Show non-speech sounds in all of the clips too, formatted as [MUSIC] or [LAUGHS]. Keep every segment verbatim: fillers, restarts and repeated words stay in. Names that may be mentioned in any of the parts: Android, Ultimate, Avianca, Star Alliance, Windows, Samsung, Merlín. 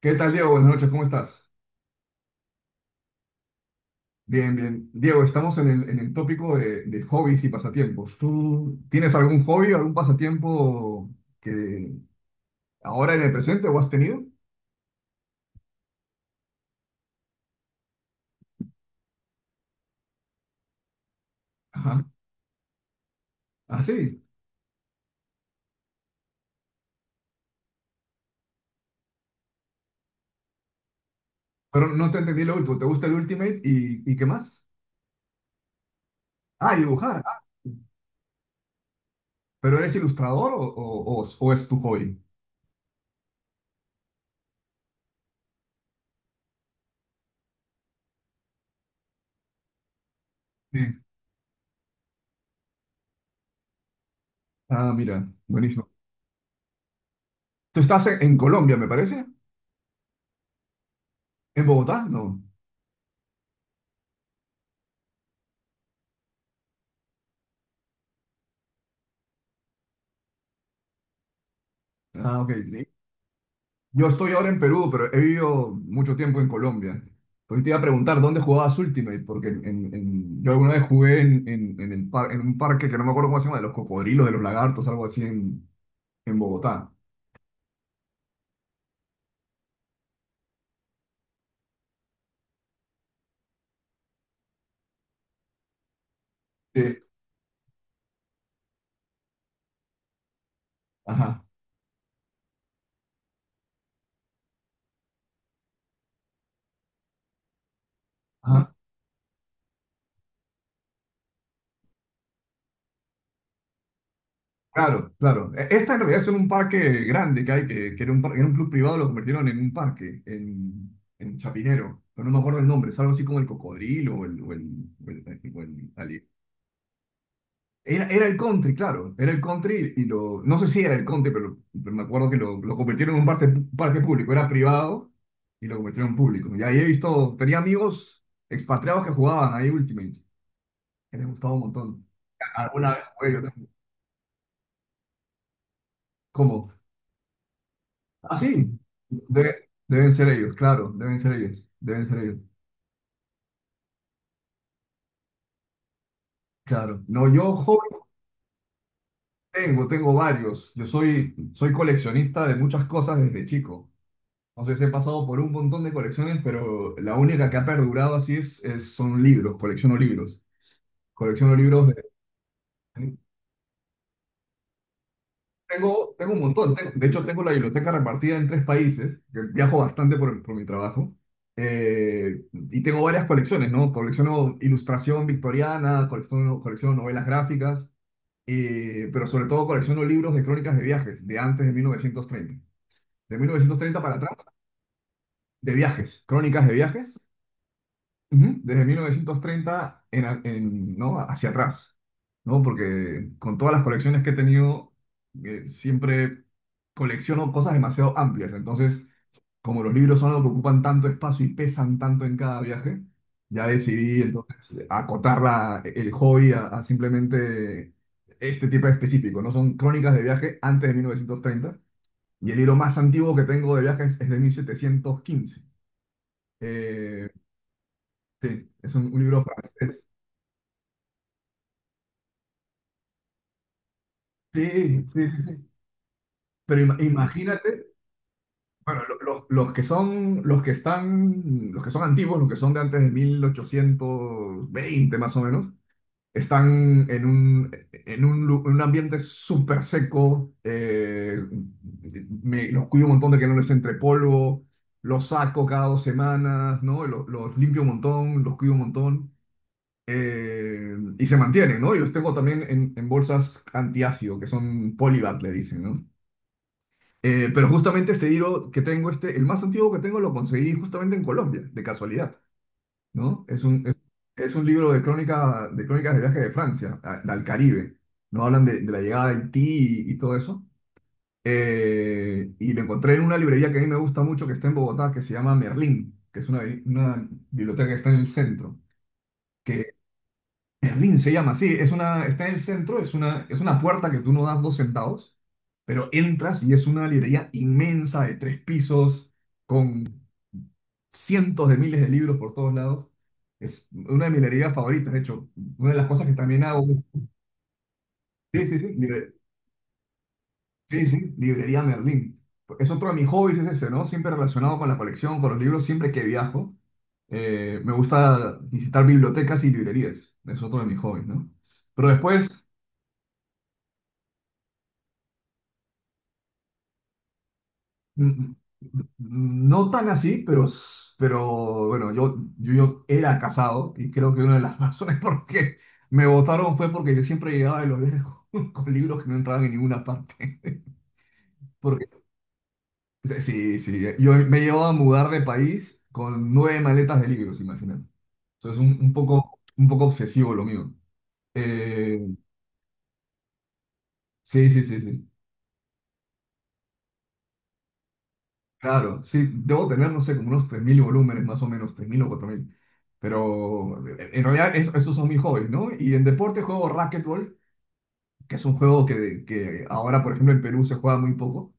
¿Qué tal, Diego? Buenas noches, ¿cómo estás? Bien, bien. Diego, estamos en el, en el tópico de, de hobbies y pasatiempos. ¿Tú tienes algún hobby, algún pasatiempo que ahora en el presente o has tenido? Ajá. Ah, sí. Pero no te entendí lo último. ¿Te gusta el Ultimate y, y qué más? Ah, dibujar. Ah, ¿Pero eres ilustrador o, o, o- o es tu hobby? Sí. Ah, mira, buenísimo. ¿Tú estás en, en Colombia, me parece? ¿En Bogotá? No. Ah, ok. Yo estoy ahora en Perú, pero he vivido mucho tiempo en Colombia. Pues te iba a preguntar dónde jugabas Ultimate, porque en, en- en- yo alguna vez jugué en, en- en el par- en un parque que no me acuerdo cómo se llama, de los cocodrilos, de los lagartos, algo así en, en Bogotá. Sí, ajá, ajá. Claro, claro. E- Esta en realidad es un parque grande que hay, que, que era un, par- era un club privado, lo convirtieron en un parque, en, en Chapinero, pero no me acuerdo el nombre, es algo así como el cocodrilo o el, o el, o el, o el Era, era el country, claro, era el country y lo, no sé si era el country, pero, pero me acuerdo que lo, lo convirtieron en un parque, parque público, era privado y lo convirtieron en público. Y ahí he visto, tenía amigos expatriados que jugaban ahí Ultimate, que les gustaba un montón. Alguna vez jugué yo también. ¿Cómo? Ah, sí, de- deben ser ellos, claro, deben ser ellos, deben ser ellos, claro. No, yo hobbies tengo, tengo varios, yo soy, soy coleccionista de muchas cosas desde chico. O sea, he pasado por un montón de colecciones, pero la única que ha perdurado así es, es- son libros, colecciono libros. Colecciono libros de... Tengo, tengo un montón, tengo- de hecho tengo la biblioteca repartida en tres países, que viajo bastante por, por mi trabajo, eh, y tengo varias colecciones, ¿no? Colecciono ilustración victoriana, colecciono, colecciono novelas gráficas, eh, pero sobre todo colecciono libros de crónicas de viajes, de antes de mil novecientos treinta. De mil novecientos treinta para atrás, de viajes, crónicas de viajes. Ujú. Desde mil novecientos treinta en, a- en- ¿no? Hacia atrás, ¿no? Porque con todas las colecciones que he tenido, eh, siempre colecciono cosas demasiado amplias. Entonces, como los libros son algo que ocupan tanto espacio y pesan tanto en cada viaje, ya decidí entonces acotar la- el hobby a, a simplemente este tipo específico, ¿no? Son crónicas de viaje antes de mil novecientos treinta y el libro más antiguo que tengo de viajes es de mil setecientos quince. Eh, sí, es un un libro francés. Sí, sí, sí, sí. Pero ima- imagínate, bueno, lo- los, los que son, los que están, los que son antiguos, los que son de antes de mil ochocientos veinte, más o menos, están en un, en un, lu- en un ambiente súper seco. Eh, me- los cuido un montón de que no les entre polvo, los saco cada dos semanas, ¿no? Los, los limpio un montón, los cuido un montón, eh, y se mantienen, ¿no? Y los tengo también en, en bolsas antiácido, que son polybag, le dicen, ¿no? Eh, pero justamente este Hero que tengo, este, el más antiguo que tengo, lo conseguí justamente en Colombia, de casualidad, ¿no? Es un, es, es un libro de crónica, de crónicas de viaje de Francia, a- al Caribe, ¿no? Hablan de, de la llegada de Haití y, y todo eso. Eh, y lo encontré en una librería que a mí me gusta mucho, que está en Bogotá, que se llama Merlín, que es una, bi- una biblioteca que está en el centro. Merlín se llama, sí, es una, está en el centro, es una, es una puerta que tú no das dos centavos, pero entras y es una librería inmensa de tres pisos, con cientos de miles de libros por todos lados. Es una de mis librerías favoritas, de hecho, una de las cosas que también hago. Sí, sí, sí, libre- sí, sí, librería Merlín. Es otro de mis hobbies, es ese, ¿no? Siempre relacionado con la colección, con los libros, siempre que viajo. eh, me gusta visitar bibliotecas y librerías, es otro de mis hobbies, ¿no? Pero después... Mm, mm, mm, No tan así, pero, s- pero bueno, yo, yo, yo era casado y creo que una de las [LAUGHS] razones por qué me votaron fue porque yo siempre llegaba de los lejos [LAUGHS] con libros que no entraban en ninguna parte. [LAUGHS] Porque sí, sí, sí, eh, yo me llevaba a mudar de país con nueve maletas de libros, imagínate. Entonces un, un poco, un poco obsesivo lo mío. Eh, sí, sí, sí, sí. Claro, sí, debo tener, no sé, como unos tres mil volúmenes, más o menos, tres mil o cuatro mil. Pero eh, en realidad es- esos son mis hobbies, ¿no? Y en deporte juego racquetball, que es un juego que, que ahora, por ejemplo, en Perú se juega muy poco,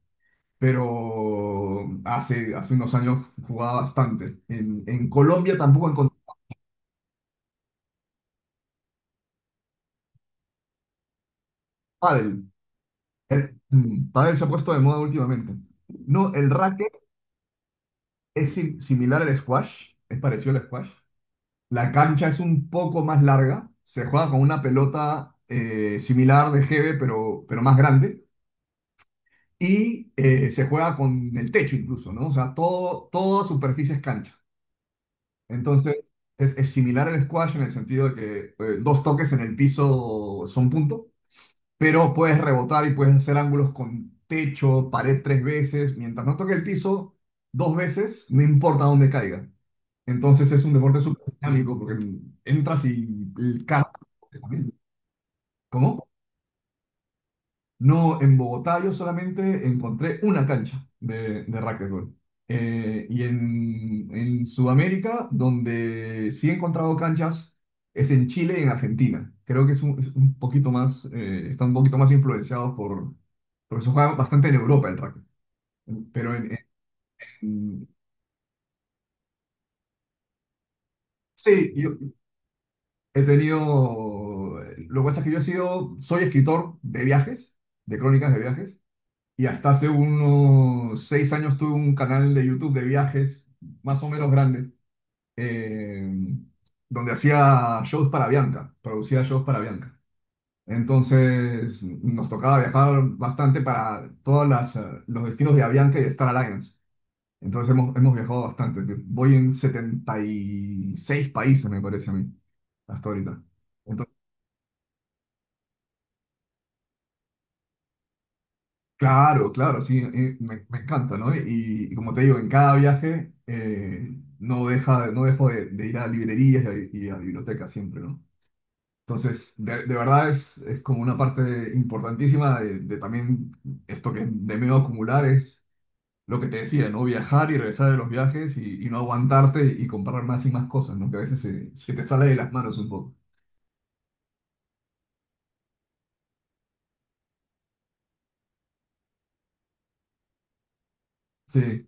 pero hace, hace unos años jugaba bastante. En, en Colombia tampoco encontré pádel. El, mm, pádel se ha puesto de moda últimamente. No, el racket es sim- similar al squash, es parecido al squash. La cancha es un poco más larga, se juega con una pelota eh, similar de G B, pero, pero más grande, y eh, se juega con el techo incluso, ¿no? O sea, todo, toda superficie es cancha. Entonces, es, es similar al squash en el sentido de que eh, dos toques en el piso son punto, pero puedes rebotar y puedes hacer ángulos con techo, pared tres veces, mientras no toque el piso dos veces, no importa dónde caiga. Entonces es un deporte súper dinámico porque entras y el carro. ¿Cómo? No, en Bogotá yo solamente encontré una cancha de, de racquetball. Eh, y en, en Sudamérica, donde sí he encontrado canchas, es en Chile y en Argentina. Creo que es un, es un poquito más, eh, están un poquito más influenciados por, porque se juega bastante en Europa el rugby. Pero en, en- sí, yo he tenido, lo que pasa es que yo he sido, soy escritor de viajes, de crónicas de viajes. Y hasta hace unos seis años tuve un canal de YouTube de viajes, más o menos grande, eh, donde hacía shows para Bianca, producía shows para Bianca. Entonces nos tocaba viajar bastante para todos los destinos de Avianca y de Star Alliance. Entonces hemos, hemos viajado bastante. Voy en setenta y seis países, me parece a mí, hasta ahorita. Claro, claro, sí, eh, me, me encanta, ¿no? Y, y como te digo, en cada viaje eh, no deja, no dejo de, de ir a librerías y a, y a bibliotecas siempre, ¿no? Entonces, de, de verdad es, es como una parte importantísima de, de también esto que de medio acumular es lo que te decía, ¿no? Viajar y regresar de los viajes y, y no aguantarte y comprar más y más cosas, ¿no? Que a veces se, se te sale de las manos un poco. Sí,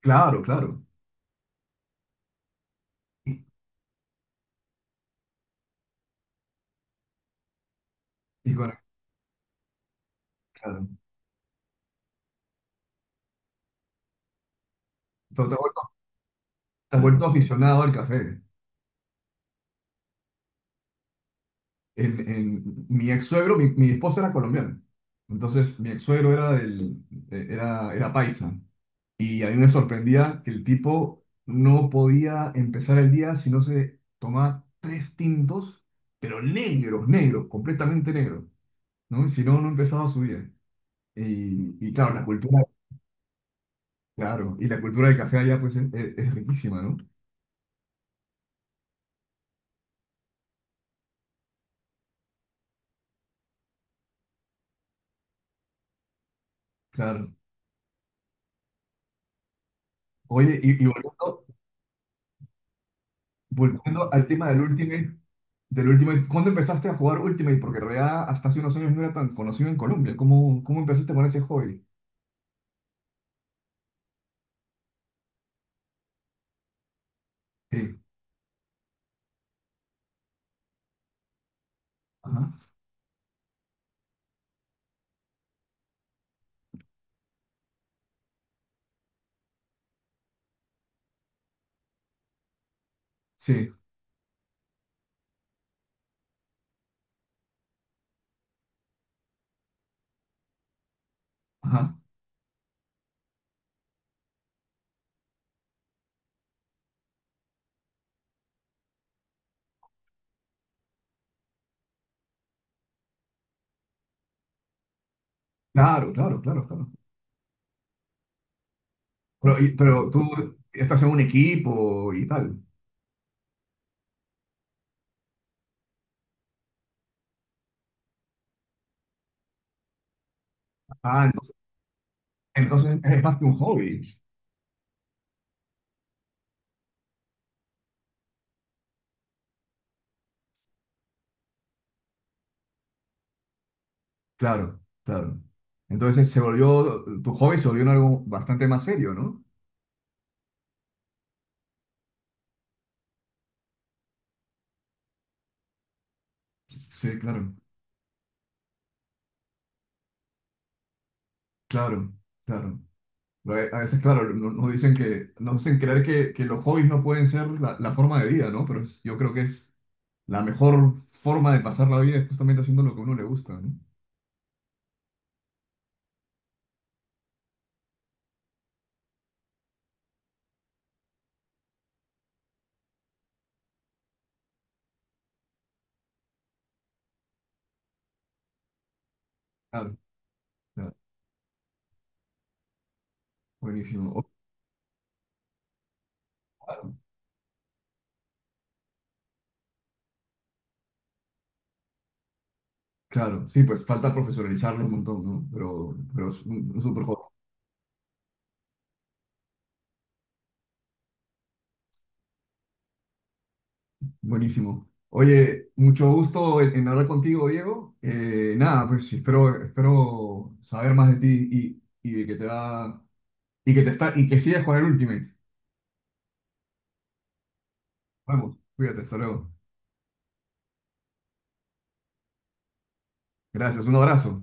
claro, claro. Y, y bueno, claro. Pero te has vuelto, te has vuelto aficionado al café. en, en- mi ex suegro, mi, mi esposa era colombiana. Entonces, mi ex suegro era del, eh, era, era paisa. Y a mí me sorprendía que el tipo no podía empezar el día si no se tomaba tres tintos, pero negros, negros, completamente negros, ¿no? Y si no, no empezaba su día. Y, y claro, la cultura, claro, y la cultura del café allá, pues, es, es- es riquísima, ¿no? Claro. Oye, y, y volviendo, volviendo al tema del último. Del Ultimate, ¿cuándo empezaste a jugar Ultimate? Porque en realidad hasta hace unos años no era tan conocido en Colombia. ¿Cómo, cómo empezaste con ese hobby? Sí, ajá, sí, ajá. Claro, claro, claro, claro. Pero, y- pero tú estás en un equipo y tal. Ah, entonces, entonces es más que un hobby. Claro, claro. Entonces se volvió, tu hobby se volvió en algo bastante más serio, ¿no? Sí, claro, claro, claro. Pero A a veces, claro, no- nos dicen que, nos hacen creer que, que los hobbies no pueden ser la, la forma de vida, ¿no? Pero es- yo creo que es la mejor forma de pasar la vida. Es justamente haciendo lo que a uno le gusta, ¿no? Claro, claro, buenísimo. O- claro, sí, pues falta profesionalizarlo un montón, ¿no? Pero, pero es un, un súper joven. Buenísimo. Oye, mucho gusto en, en hablar contigo, Diego. Eh, nada, pues sí espero, espero saber más de ti y, y de que te va, y que te está, y que sigas con el Ultimate. Vamos, cuídate, hasta luego. Gracias, un abrazo.